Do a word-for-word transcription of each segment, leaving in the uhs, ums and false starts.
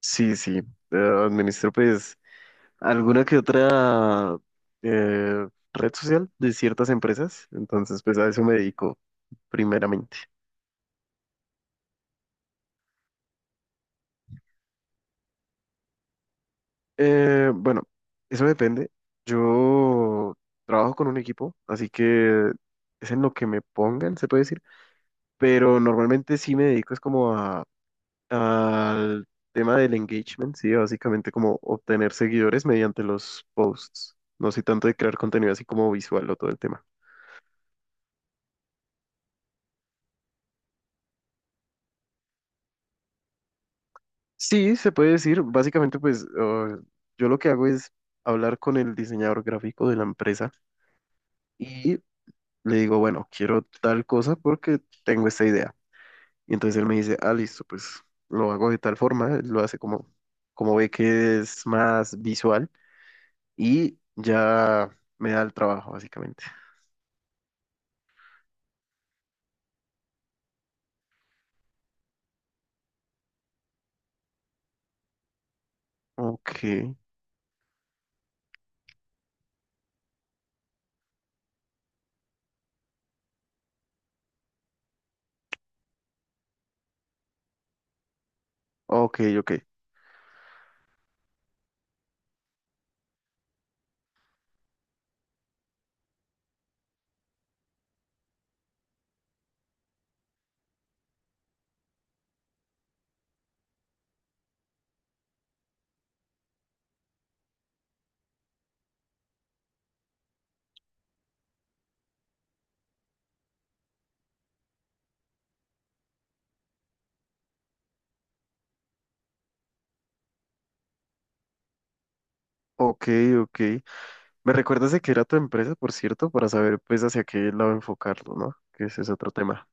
Sí, sí, eh, administro pues alguna que otra eh, red social de ciertas empresas, entonces pues a eso me dedico primeramente. Eh, bueno, eso depende. Yo trabajo con un equipo, así que es en lo que me pongan, se puede decir, pero normalmente sí me dedico es como a, al tema del engagement, sí, básicamente como obtener seguidores mediante los posts, no soy tanto de crear contenido así como visual o todo el tema. Sí, se puede decir. Básicamente, pues uh, yo lo que hago es hablar con el diseñador gráfico de la empresa y le digo, bueno, quiero tal cosa porque tengo esta idea. Y entonces él me dice, ah, listo, pues lo hago de tal forma, él lo hace como, como ve que es más visual y ya me da el trabajo, básicamente. Ok, ok, ok, ok, ok. ¿Me recuerdas de qué era tu empresa, por cierto, para saber pues hacia qué lado enfocarlo, ¿no? Que ese es otro tema.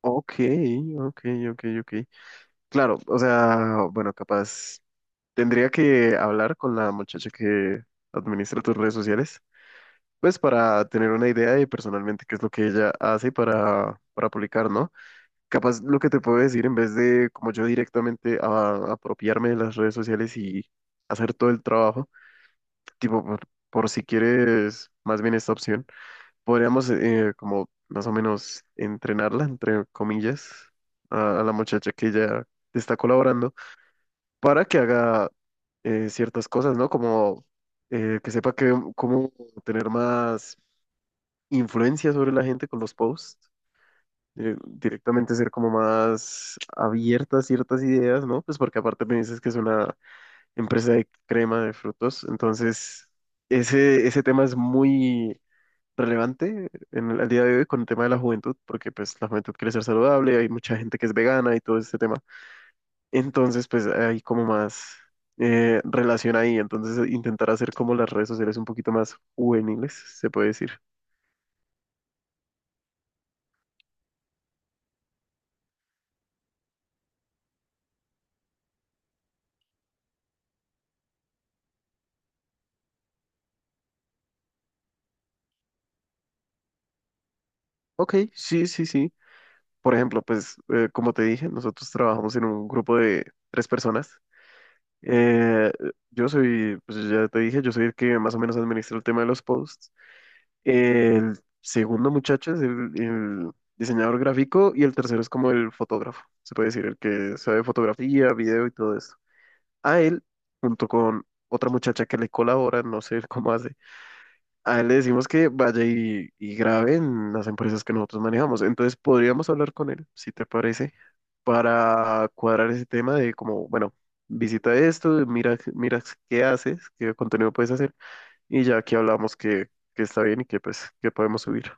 Ok, ok, ok, ok. Claro, o sea, bueno, capaz tendría que hablar con la muchacha que administra tus redes sociales, pues para tener una idea de personalmente qué es lo que ella hace para, para publicar, ¿no? Capaz lo que te puedo decir, en vez de como yo directamente a- apropiarme de las redes sociales y hacer todo el trabajo, tipo, por, por si quieres más bien esta opción podríamos eh, como más o menos entrenarla, entre comillas, a, a la muchacha que ya está colaborando para que haga eh, ciertas cosas, ¿no? Como eh, que sepa que, cómo tener más influencia sobre la gente con los posts. Eh, directamente ser como más abierta a ciertas ideas, ¿no? Pues porque aparte me dices que es una empresa de crema de frutos, entonces ese, ese tema es muy relevante en el, al día de hoy con el tema de la juventud, porque pues la juventud quiere ser saludable, hay mucha gente que es vegana y todo este tema. Entonces, pues hay como más eh, relación ahí, entonces eh, intentar hacer como las redes sociales un poquito más juveniles, se puede decir. Ok, sí, sí, sí. Por ejemplo, pues eh, como te dije, nosotros trabajamos en un grupo de tres personas. Eh, yo soy, pues ya te dije, yo soy el que más o menos administra el tema de los posts. El segundo muchacho es el, el diseñador gráfico y el tercero es como el fotógrafo, se puede decir, el que sabe fotografía, video y todo esto. A él, junto con otra muchacha que le colabora, no sé cómo hace, a él le decimos que vaya y, y grabe en las empresas que nosotros manejamos. Entonces podríamos hablar con él, si te parece, para cuadrar ese tema de como, bueno, visita esto, mira, mira qué haces, qué contenido puedes hacer, y ya aquí hablamos que, que está bien y que pues que podemos subir.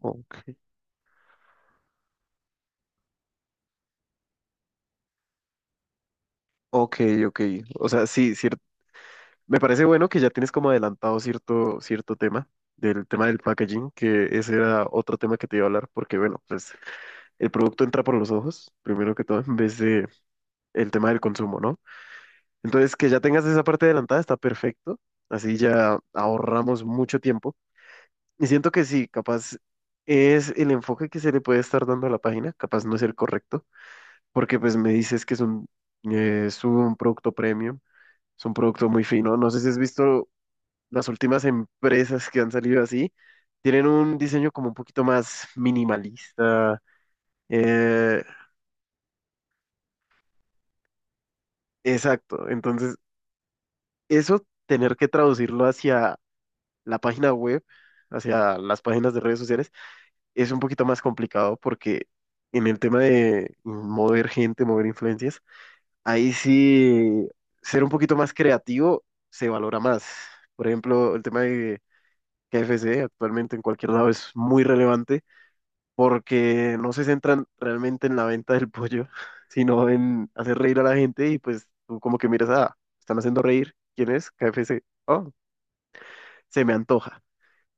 Ok, ok, ok. O sea, sí, cier- me parece bueno que ya tienes como adelantado cierto, cierto tema, del tema del packaging, que ese era otro tema que te iba a hablar, porque bueno, pues el producto entra por los ojos, primero que todo, en vez de, el tema del consumo, ¿no? Entonces, que ya tengas esa parte adelantada está perfecto. Así ya ahorramos mucho tiempo. Y siento que sí, capaz es el enfoque que se le puede estar dando a la página, capaz no es el correcto, porque pues me dices que es un, eh, es un producto premium, es un producto muy fino. No sé si has visto las últimas empresas que han salido así, tienen un diseño como un poquito más minimalista. eh, exacto, entonces eso tener que traducirlo hacia la página web hacia las páginas de redes sociales es un poquito más complicado porque en el tema de mover gente, mover influencias, ahí sí ser un poquito más creativo se valora más. Por ejemplo, el tema de K F C actualmente en cualquier lado es muy relevante porque no se centran realmente en la venta del pollo, sino en hacer reír a la gente y pues tú como que miras, ah, están haciendo reír. ¿Quién es? K F C. Oh, se me antoja.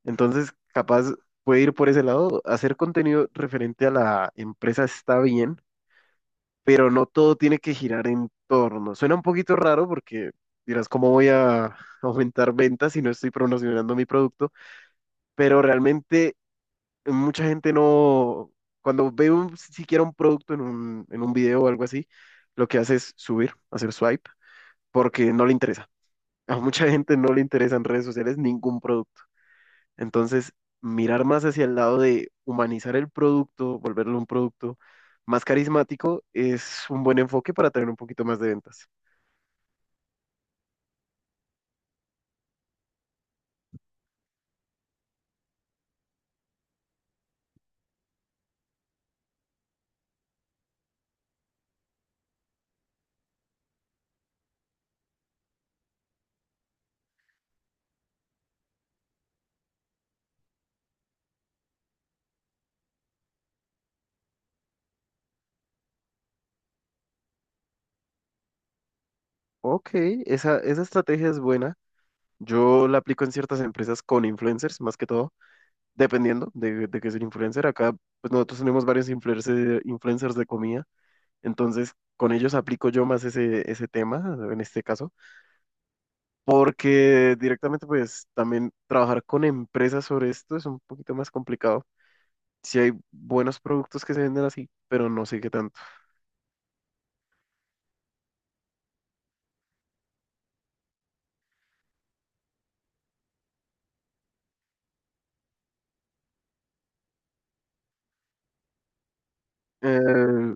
Entonces, capaz puede ir por ese lado. Hacer contenido referente a la empresa está bien, pero no todo tiene que girar en torno. Suena un poquito raro porque dirás, ¿cómo voy a aumentar ventas si no estoy promocionando mi producto? Pero realmente mucha gente no, cuando ve un, siquiera un producto en un, en un video o algo así, lo que hace es subir, hacer swipe, porque no le interesa. A mucha gente no le interesa en redes sociales ningún producto. Entonces, mirar más hacia el lado de humanizar el producto, volverlo un producto más carismático, es un buen enfoque para tener un poquito más de ventas. Ok, esa, esa estrategia es buena. Yo la aplico en ciertas empresas con influencers, más que todo, dependiendo de, de qué es el influencer. Acá, pues nosotros tenemos varios influencer- influencers de comida, entonces con ellos aplico yo más ese, ese tema, en este caso, porque directamente, pues también trabajar con empresas sobre esto es un poquito más complicado. Sí hay buenos productos que se venden así, pero no sé qué tanto. Eh,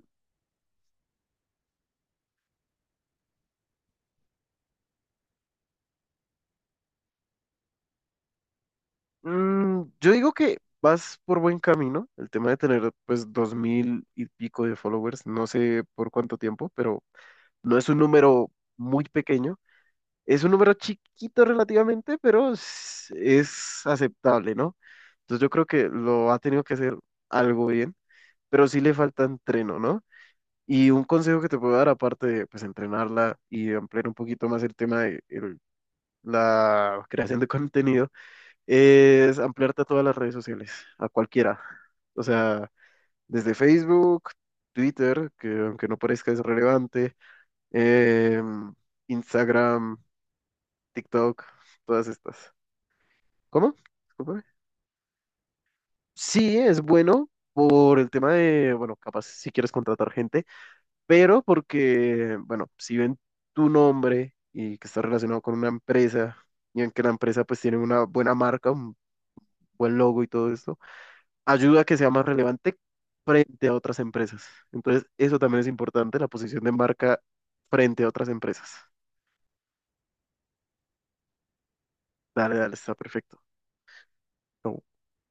mm, yo digo que vas por buen camino. El tema de tener pues dos mil y pico de followers, no sé por cuánto tiempo, pero no es un número muy pequeño. Es un número chiquito relativamente, pero es, es aceptable, ¿no? Entonces yo creo que lo ha tenido que hacer algo bien, pero sí le falta entreno, ¿no? Y un consejo que te puedo dar, aparte de pues, entrenarla y ampliar un poquito más el tema del la creación de contenido, es ampliarte a todas las redes sociales, a cualquiera. O sea, desde Facebook, Twitter, que aunque no parezca es relevante, em, Instagram, TikTok, todas estas. ¿Cómo? Discúlpame. Sí, es bueno por el tema de, bueno, capaz si quieres contratar gente, pero porque, bueno, si ven tu nombre y que está relacionado con una empresa y en que la empresa pues tiene una buena marca, un buen logo y todo esto, ayuda a que sea más relevante frente a otras empresas. Entonces, eso también es importante, la posición de marca frente a otras empresas. Dale, dale, está perfecto.